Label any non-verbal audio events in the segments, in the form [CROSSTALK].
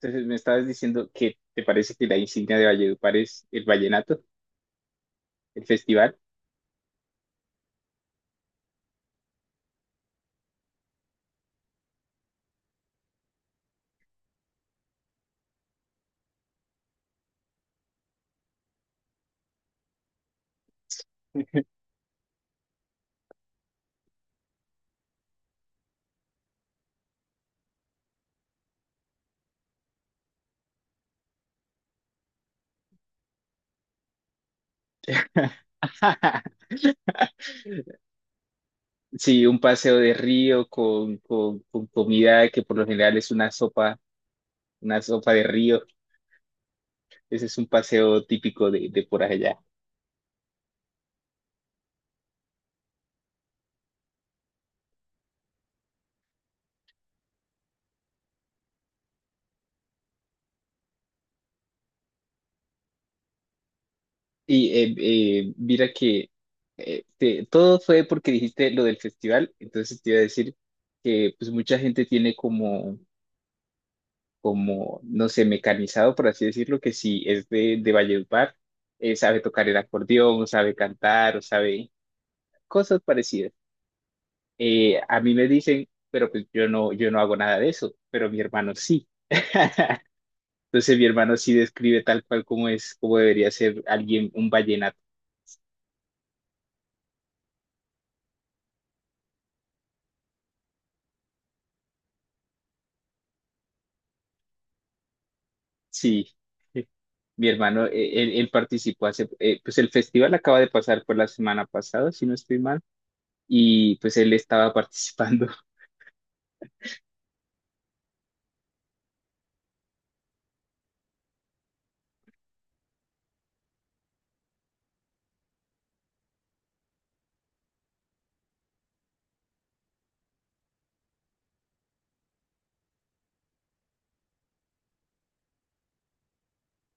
Entonces me estabas diciendo que te parece que la insignia de Valledupar es el vallenato, el festival. [LAUGHS] Sí, un paseo de río con comida que por lo general es una sopa de río. Ese es un paseo típico de por allá. Y eh, Mira que todo fue porque dijiste lo del festival, entonces te iba a decir que pues mucha gente tiene no sé, mecanizado, por así decirlo, que si es de Valledupar, sabe tocar el acordeón, sabe cantar, o sabe cosas parecidas. A mí me dicen, pero pues yo no hago nada de eso, pero mi hermano sí. [LAUGHS] Entonces mi hermano sí describe tal cual como es, como debería ser alguien, un vallenato. Sí, [LAUGHS] mi hermano, él participó pues el festival acaba de pasar por la semana pasada, si no estoy mal, y pues él estaba participando. [LAUGHS]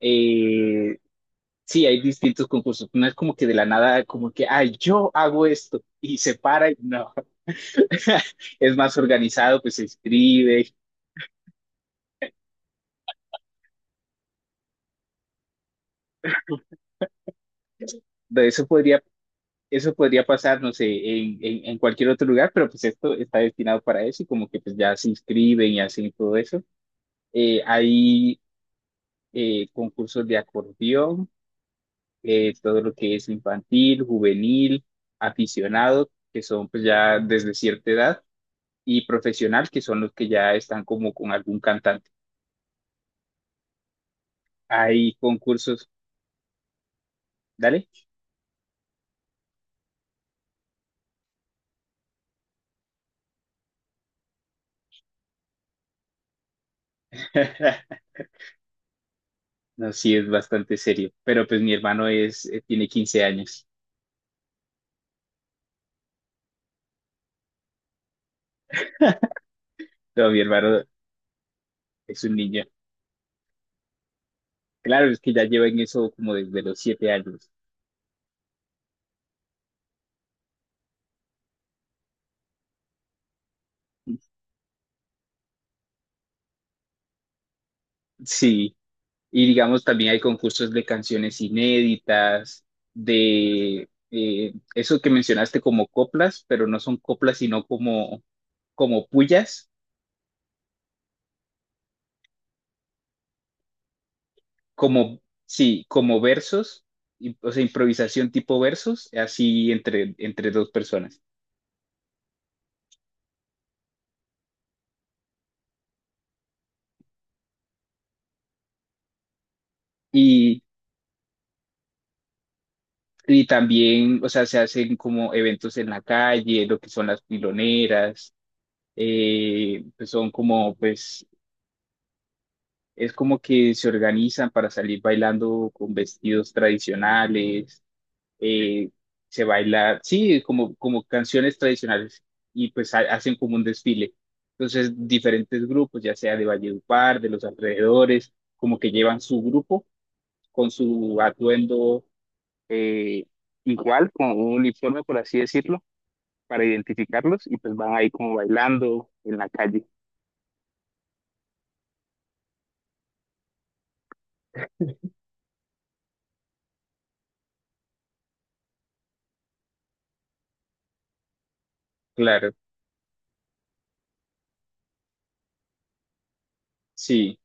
Eh, Sí, hay distintos concursos. No es como que de la nada, como que, ay, yo hago esto y se para y no. [LAUGHS] Es más organizado, pues se escribe. De Eso podría, Eso podría pasar, no sé, en cualquier otro lugar, pero pues esto está destinado para eso y como que pues ya se inscriben y hacen todo eso. Hay Concursos de acordeón, todo lo que es infantil, juvenil, aficionado, que son pues ya desde cierta edad y profesional, que son los que ya están como con algún cantante. Hay concursos, dale. [LAUGHS] No, sí, es bastante serio. Pero pues mi hermano tiene 15 años. No, mi hermano es un niño. Claro, es que ya lleva en eso como desde los 7 años. Sí, y digamos también hay concursos de canciones inéditas, de eso que mencionaste como coplas, pero no son coplas, sino como, como pullas, como, sí, como versos, o sea, improvisación tipo versos, así entre dos personas. Y, y también, o sea, se hacen como eventos en la calle, lo que son las piloneras, pues son como, pues, es como que se organizan para salir bailando con vestidos tradicionales, eh, se baila, sí, como, como canciones tradicionales, y pues hacen como un desfile. Entonces, diferentes grupos, ya sea de Valledupar, de los alrededores, como que llevan su grupo con su atuendo eh, igual con un uniforme, por así decirlo, para identificarlos y pues van ahí como bailando en la calle. Claro, sí.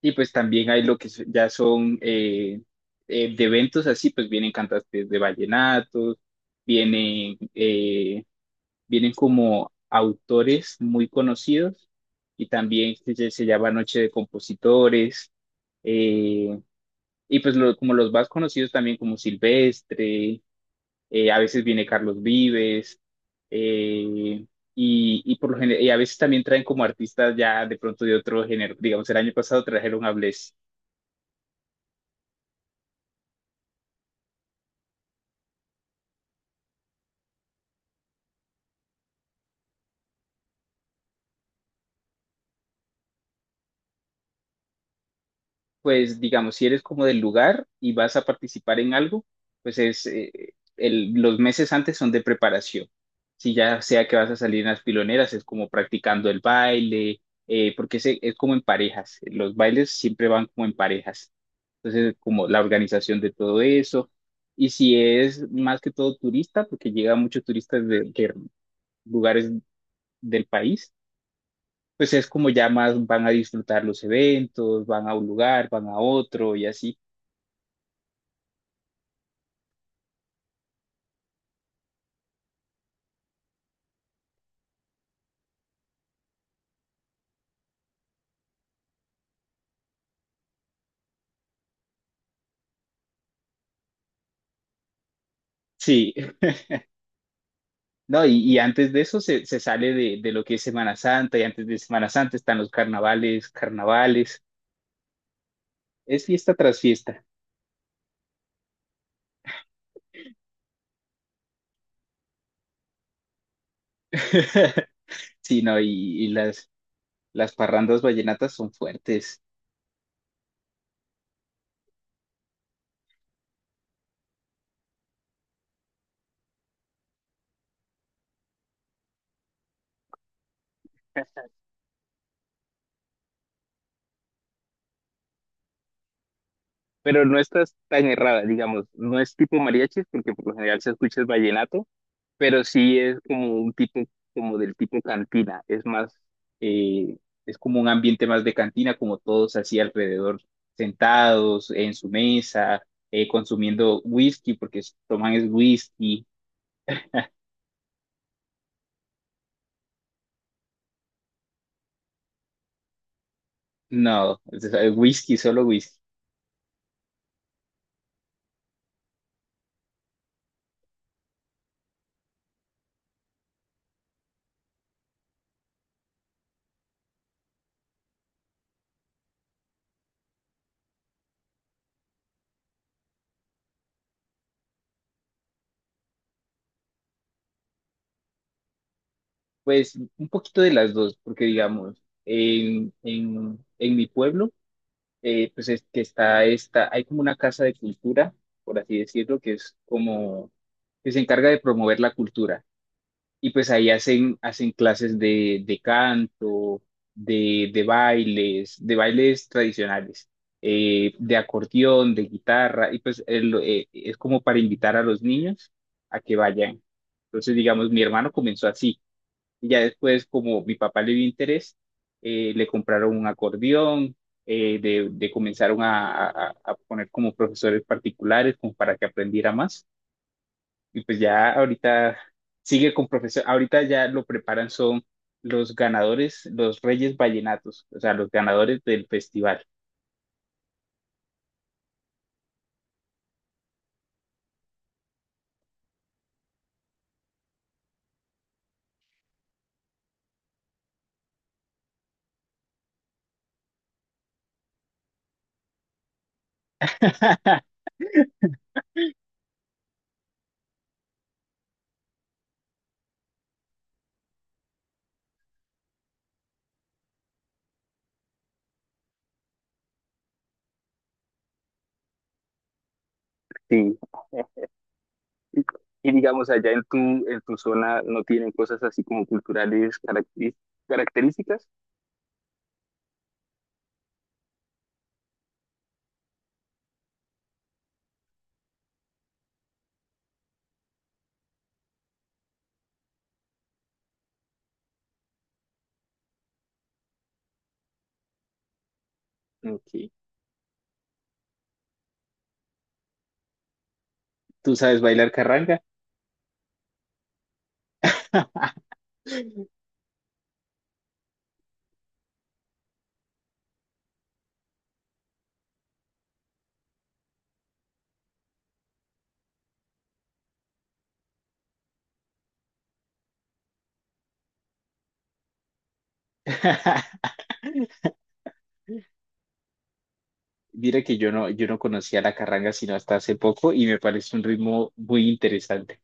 Y pues también hay lo que ya son de eventos así, pues vienen cantantes de vallenatos, vienen, eh, vienen como autores muy conocidos y también se llama Noche de Compositores. eh, y pues como los más conocidos también como Silvestre, a veces viene Carlos Vives, eh, y por lo general, y a veces también traen como artistas ya de pronto de otro género. Digamos, el año pasado trajeron a Bless. Pues digamos, si eres como del lugar y vas a participar en algo, pues los meses antes son de preparación. Si ya sea que vas a salir en las piloneras, es como practicando el baile, porque es como en parejas. Los bailes siempre van como en parejas. Entonces, como la organización de todo eso. Y si es más que todo turista, porque llegan muchos turistas de lugares del país, pues es como ya más van a disfrutar los eventos, van a un lugar, van a otro y así. Sí, no, y antes de eso se sale de lo que es Semana Santa, y antes de Semana Santa están los carnavales, carnavales, es fiesta tras fiesta. [LAUGHS] Sí, no, las parrandas vallenatas son fuertes, pero no estás tan errada, digamos, no es tipo mariachis, porque por lo general se escucha es vallenato, pero sí es como un tipo, como del tipo cantina, es más, eh, es como un ambiente más de cantina, como todos así alrededor, sentados en su mesa, consumiendo whisky, porque toman es whisky, no, es whisky, solo whisky. Pues un poquito de las dos, porque digamos, en mi pueblo, pues es que hay como una casa de cultura, por así decirlo, que es como, que se encarga de promover la cultura. Y pues ahí hacen, hacen clases de canto, de bailes tradicionales, de acordeón, de guitarra, y pues es como para invitar a los niños a que vayan. Entonces, digamos, mi hermano comenzó así, y ya después, como mi papá le dio interés, le compraron un acordeón, de comenzaron a, a poner como profesores particulares, como para que aprendiera más. Y pues ya ahorita sigue con profesión, ahorita ya lo preparan son los ganadores, los Reyes Vallenatos, o sea, los ganadores del festival. Sí. [LAUGHS] Y, y digamos, en tu zona no tienen cosas así como culturales características. Ok. ¿Tú sabes bailar carranga? [LAUGHS] Mira que yo no conocía la carranga sino hasta hace poco y me parece un ritmo muy interesante.